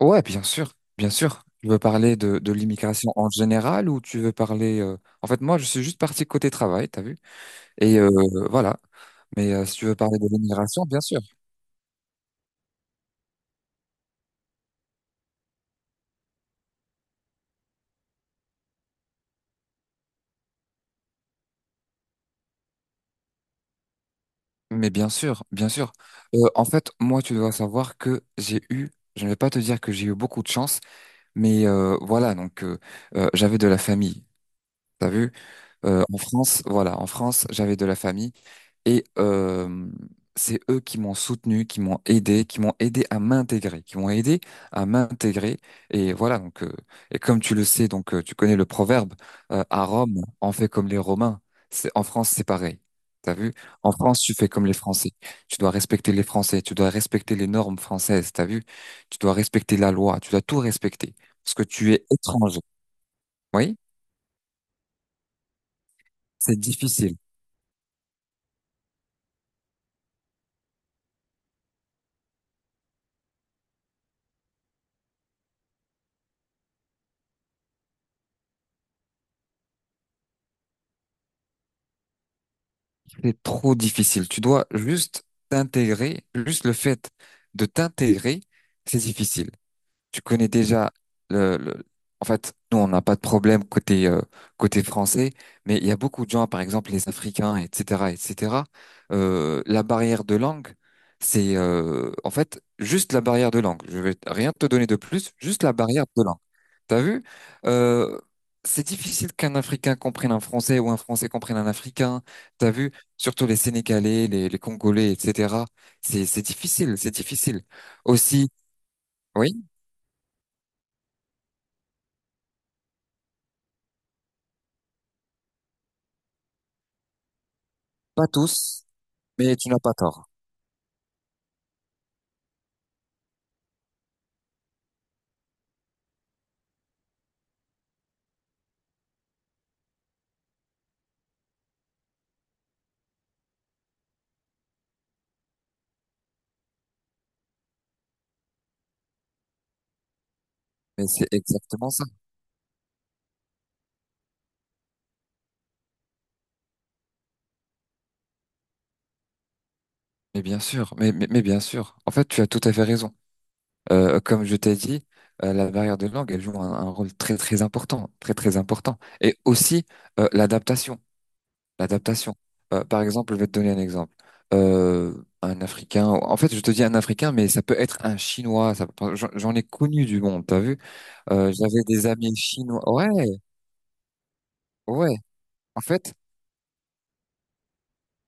Ouais, bien sûr, bien sûr. Tu veux parler de l'immigration en général ou tu veux parler... En fait, moi, je suis juste parti côté travail, t'as vu? Et euh, voilà. Mais si tu veux parler de l'immigration, bien sûr. Mais bien sûr, bien sûr. En fait, moi, tu dois savoir que j'ai eu, je ne vais pas te dire que j'ai eu beaucoup de chance, mais voilà, donc j'avais de la famille. T'as vu? En France, voilà, en France, j'avais de la famille. Et euh, c'est eux qui m'ont soutenu, qui m'ont aidé, qui m'ont aidé à m'intégrer. Et voilà, comme tu le sais, donc tu connais le proverbe, à Rome, on fait comme les Romains. C'est, en France, c'est pareil. T'as vu? En France, tu fais comme les Français. Tu dois respecter les Français, tu dois respecter les normes françaises, t'as vu? Tu dois respecter la loi, tu dois tout respecter. Parce que tu es étranger. Oui? C'est difficile. C'est trop difficile. Tu dois juste t'intégrer, juste le fait de t'intégrer, c'est difficile. Tu connais déjà le, le- en fait, nous, on n'a pas de problème côté côté français, mais il y a beaucoup de gens, par exemple les Africains, etc., etc. La barrière de langue, c'est en fait juste la barrière de langue. Je vais rien te donner de plus, juste la barrière de langue. T'as vu? Euh, c'est difficile qu'un Africain comprenne un Français ou un Français comprenne un Africain. T'as vu? Surtout les Sénégalais, les Congolais, etc. C'est difficile, c'est difficile. Aussi, oui, pas tous. Mais tu n'as pas tort. Mais c'est exactement ça. Mais bien sûr, mais bien sûr. En fait, tu as tout à fait raison. Comme je t'ai dit, la barrière de langue, elle joue un rôle très très important, très très important. Et aussi euh, l'adaptation, l'adaptation. Par exemple, je vais te donner un exemple. Un Africain. En fait, je te dis un Africain, mais ça peut être un Chinois. Ça peut- j'en ai connu du monde. T'as vu? J'avais des amis chinois. Ouais, ouais. En fait,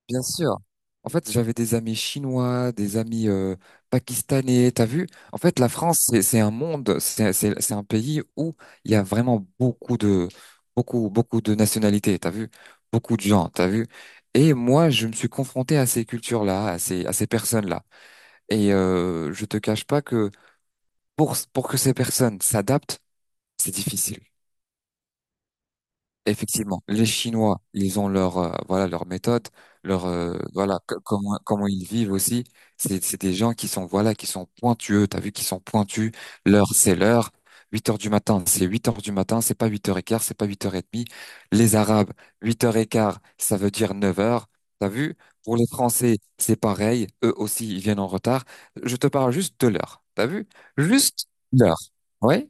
Bien sûr. En fait, j'avais des amis chinois, des amis pakistanais. T'as vu? En fait, la France, c'est un monde, c'est un pays où il y a vraiment beaucoup de nationalités. T'as vu? Beaucoup de gens. T'as vu? Et moi, je me suis confronté à ces cultures-là, à ces personnes-là. Et je te cache pas que pour que ces personnes s'adaptent, c'est difficile. Effectivement, les Chinois, ils ont leur voilà leur méthode, leur voilà comment ils vivent aussi. C'est des gens qui sont voilà qui sont pointueux. T'as vu qu'ils sont pointus. L'heure c'est l'heure. Huit heures du matin, c'est 8 heures du matin. C'est pas 8 heures et quart, c'est pas 8 heures et demie. Les Arabes, 8 heures et quart, ça veut dire 9 heures. T'as vu? Pour les Français, c'est pareil. Eux aussi, ils viennent en retard. Je te parle juste de l'heure. T'as vu? Juste l'heure. Ouais.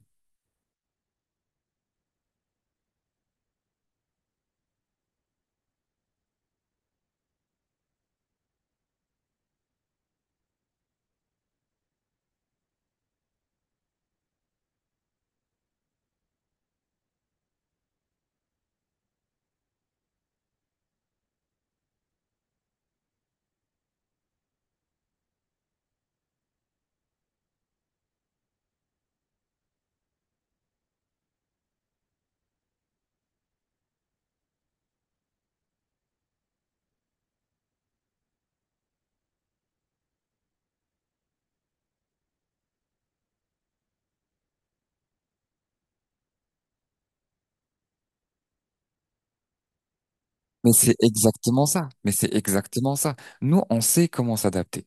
Mais c'est exactement ça. Mais c'est exactement ça. Nous, on sait comment s'adapter.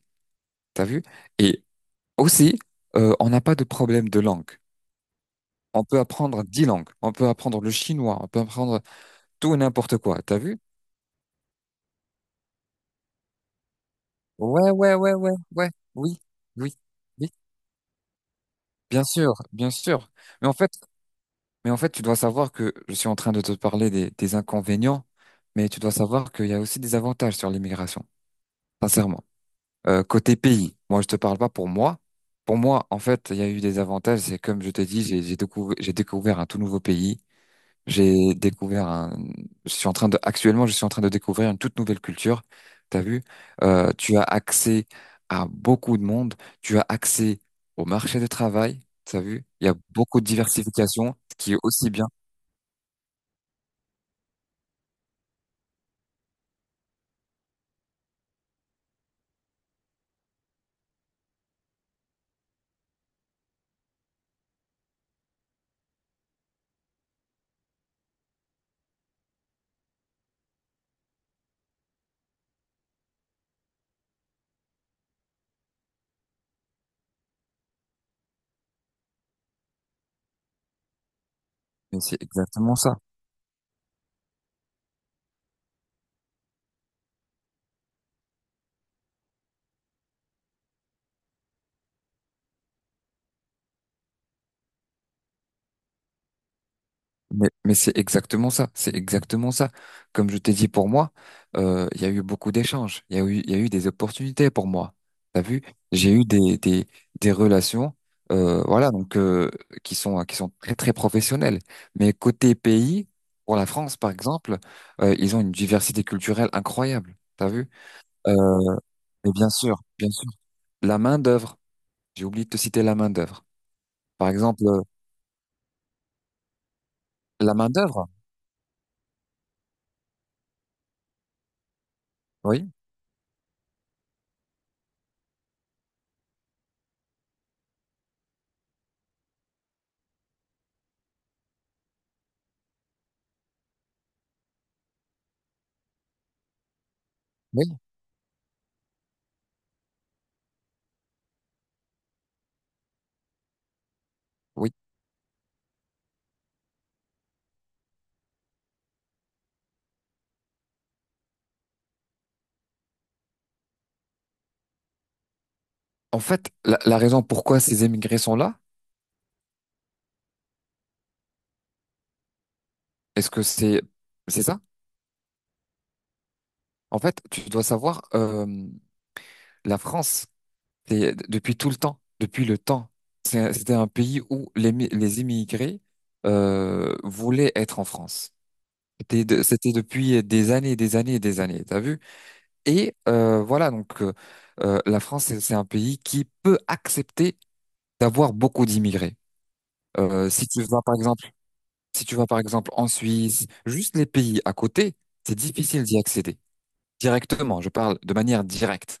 T'as vu? Et aussi, on n'a pas de problème de langue. On peut apprendre 10 langues. On peut apprendre le chinois. On peut apprendre tout et n'importe quoi. T'as vu? Ouais, ouais, ouais, ouais, ouais. Oui, oui, oui. Bien sûr, bien sûr. Mais en fait, mais en fait, tu dois savoir que je suis en train de te parler des inconvénients, mais tu dois savoir qu'il y a aussi des avantages sur l'immigration. Sincèrement. Côté pays, moi je te parle pas pour moi. Pour moi, en fait, il y a eu des avantages. C'est comme je te dis, j'ai découvert, j'ai découvert un tout nouveau pays. J'ai découvert un. Je suis en train de. Actuellement, je suis en train de découvrir une toute nouvelle culture. T'as vu? Tu as accès à beaucoup de monde. Tu as accès au marché du travail. T'as vu? Il y a beaucoup de diversification, ce qui est aussi bien. Mais c'est exactement ça. C'est exactement ça, c'est exactement ça. Comme je t'ai dit pour moi, il y a eu beaucoup d'échanges, il y a eu des opportunités pour moi. T'as vu? J'ai eu des relations, euh, voilà, donc euh, qui sont très très professionnelles. Mais côté pays, pour la France par exemple, ils ont une diversité culturelle incroyable. T'as vu? Euh, et bien sûr, la main-d'œuvre. J'ai oublié de te citer la main-d'œuvre. Par exemple, la main-d'œuvre. Oui, oui, oui. En fait, la raison pourquoi ces émigrés sont là, est-ce que c'est ça? En fait, tu dois savoir, la France, c'est- depuis tout le temps, depuis le temps, c'est- c'était un pays où les immigrés voulaient être en France. C'était de- c'était depuis des années, des années, des années. T'as vu? Et la France, c'est un pays qui peut accepter d'avoir beaucoup d'immigrés. Si tu vas, par exemple Si tu vas par exemple en Suisse, juste les pays à côté, c'est difficile d'y accéder directement. Je parle de manière directe.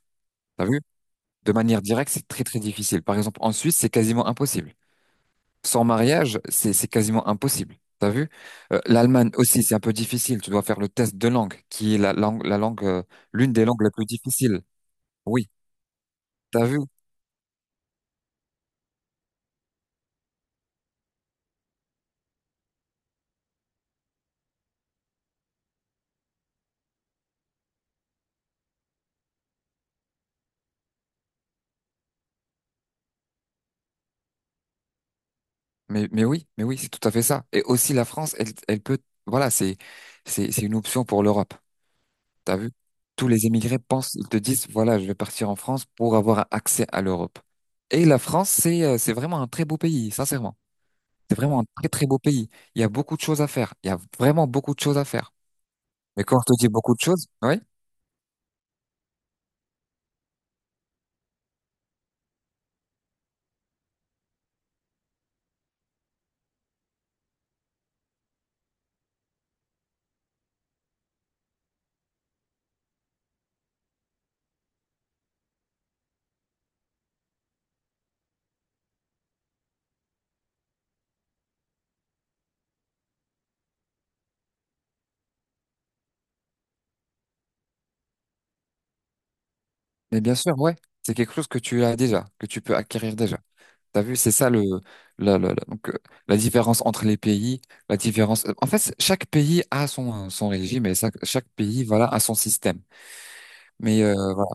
T'as vu? De manière directe, c'est très très difficile. Par exemple, en Suisse, c'est quasiment impossible. Sans mariage, c'est quasiment impossible. T'as vu? l'Allemagne aussi, c'est un peu difficile. Tu dois faire le test de langue, qui est la langue, l'une des langues les plus difficiles. Oui, t'as vu? Mais oui, c'est tout à fait ça. Et aussi la France, elle, elle peut, voilà, c'est, c'est une option pour l'Europe. T'as vu? Tous les émigrés pensent, ils te disent, voilà, je vais partir en France pour avoir accès à l'Europe. Et la France, c'est vraiment un très beau pays, sincèrement. C'est vraiment un très, très beau pays. Il y a beaucoup de choses à faire. Il y a vraiment beaucoup de choses à faire. Mais quand je te dis beaucoup de choses, oui, mais bien sûr, ouais, c'est quelque chose que tu as déjà, que tu peux acquérir déjà. T'as vu, c'est ça le, la- donc, la différence entre les pays, la différence. En fait, chaque pays a son, son régime et ça- chaque pays, voilà, a son système. Mais voilà.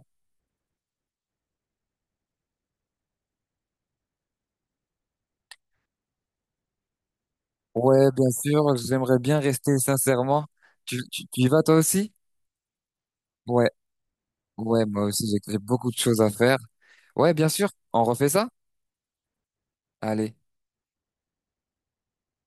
Ouais, bien sûr, j'aimerais bien rester sincèrement. Tu, tu y vas toi aussi? Ouais, ouais, moi aussi, j'ai beaucoup de choses à faire. Ouais, bien sûr, on refait ça? Allez.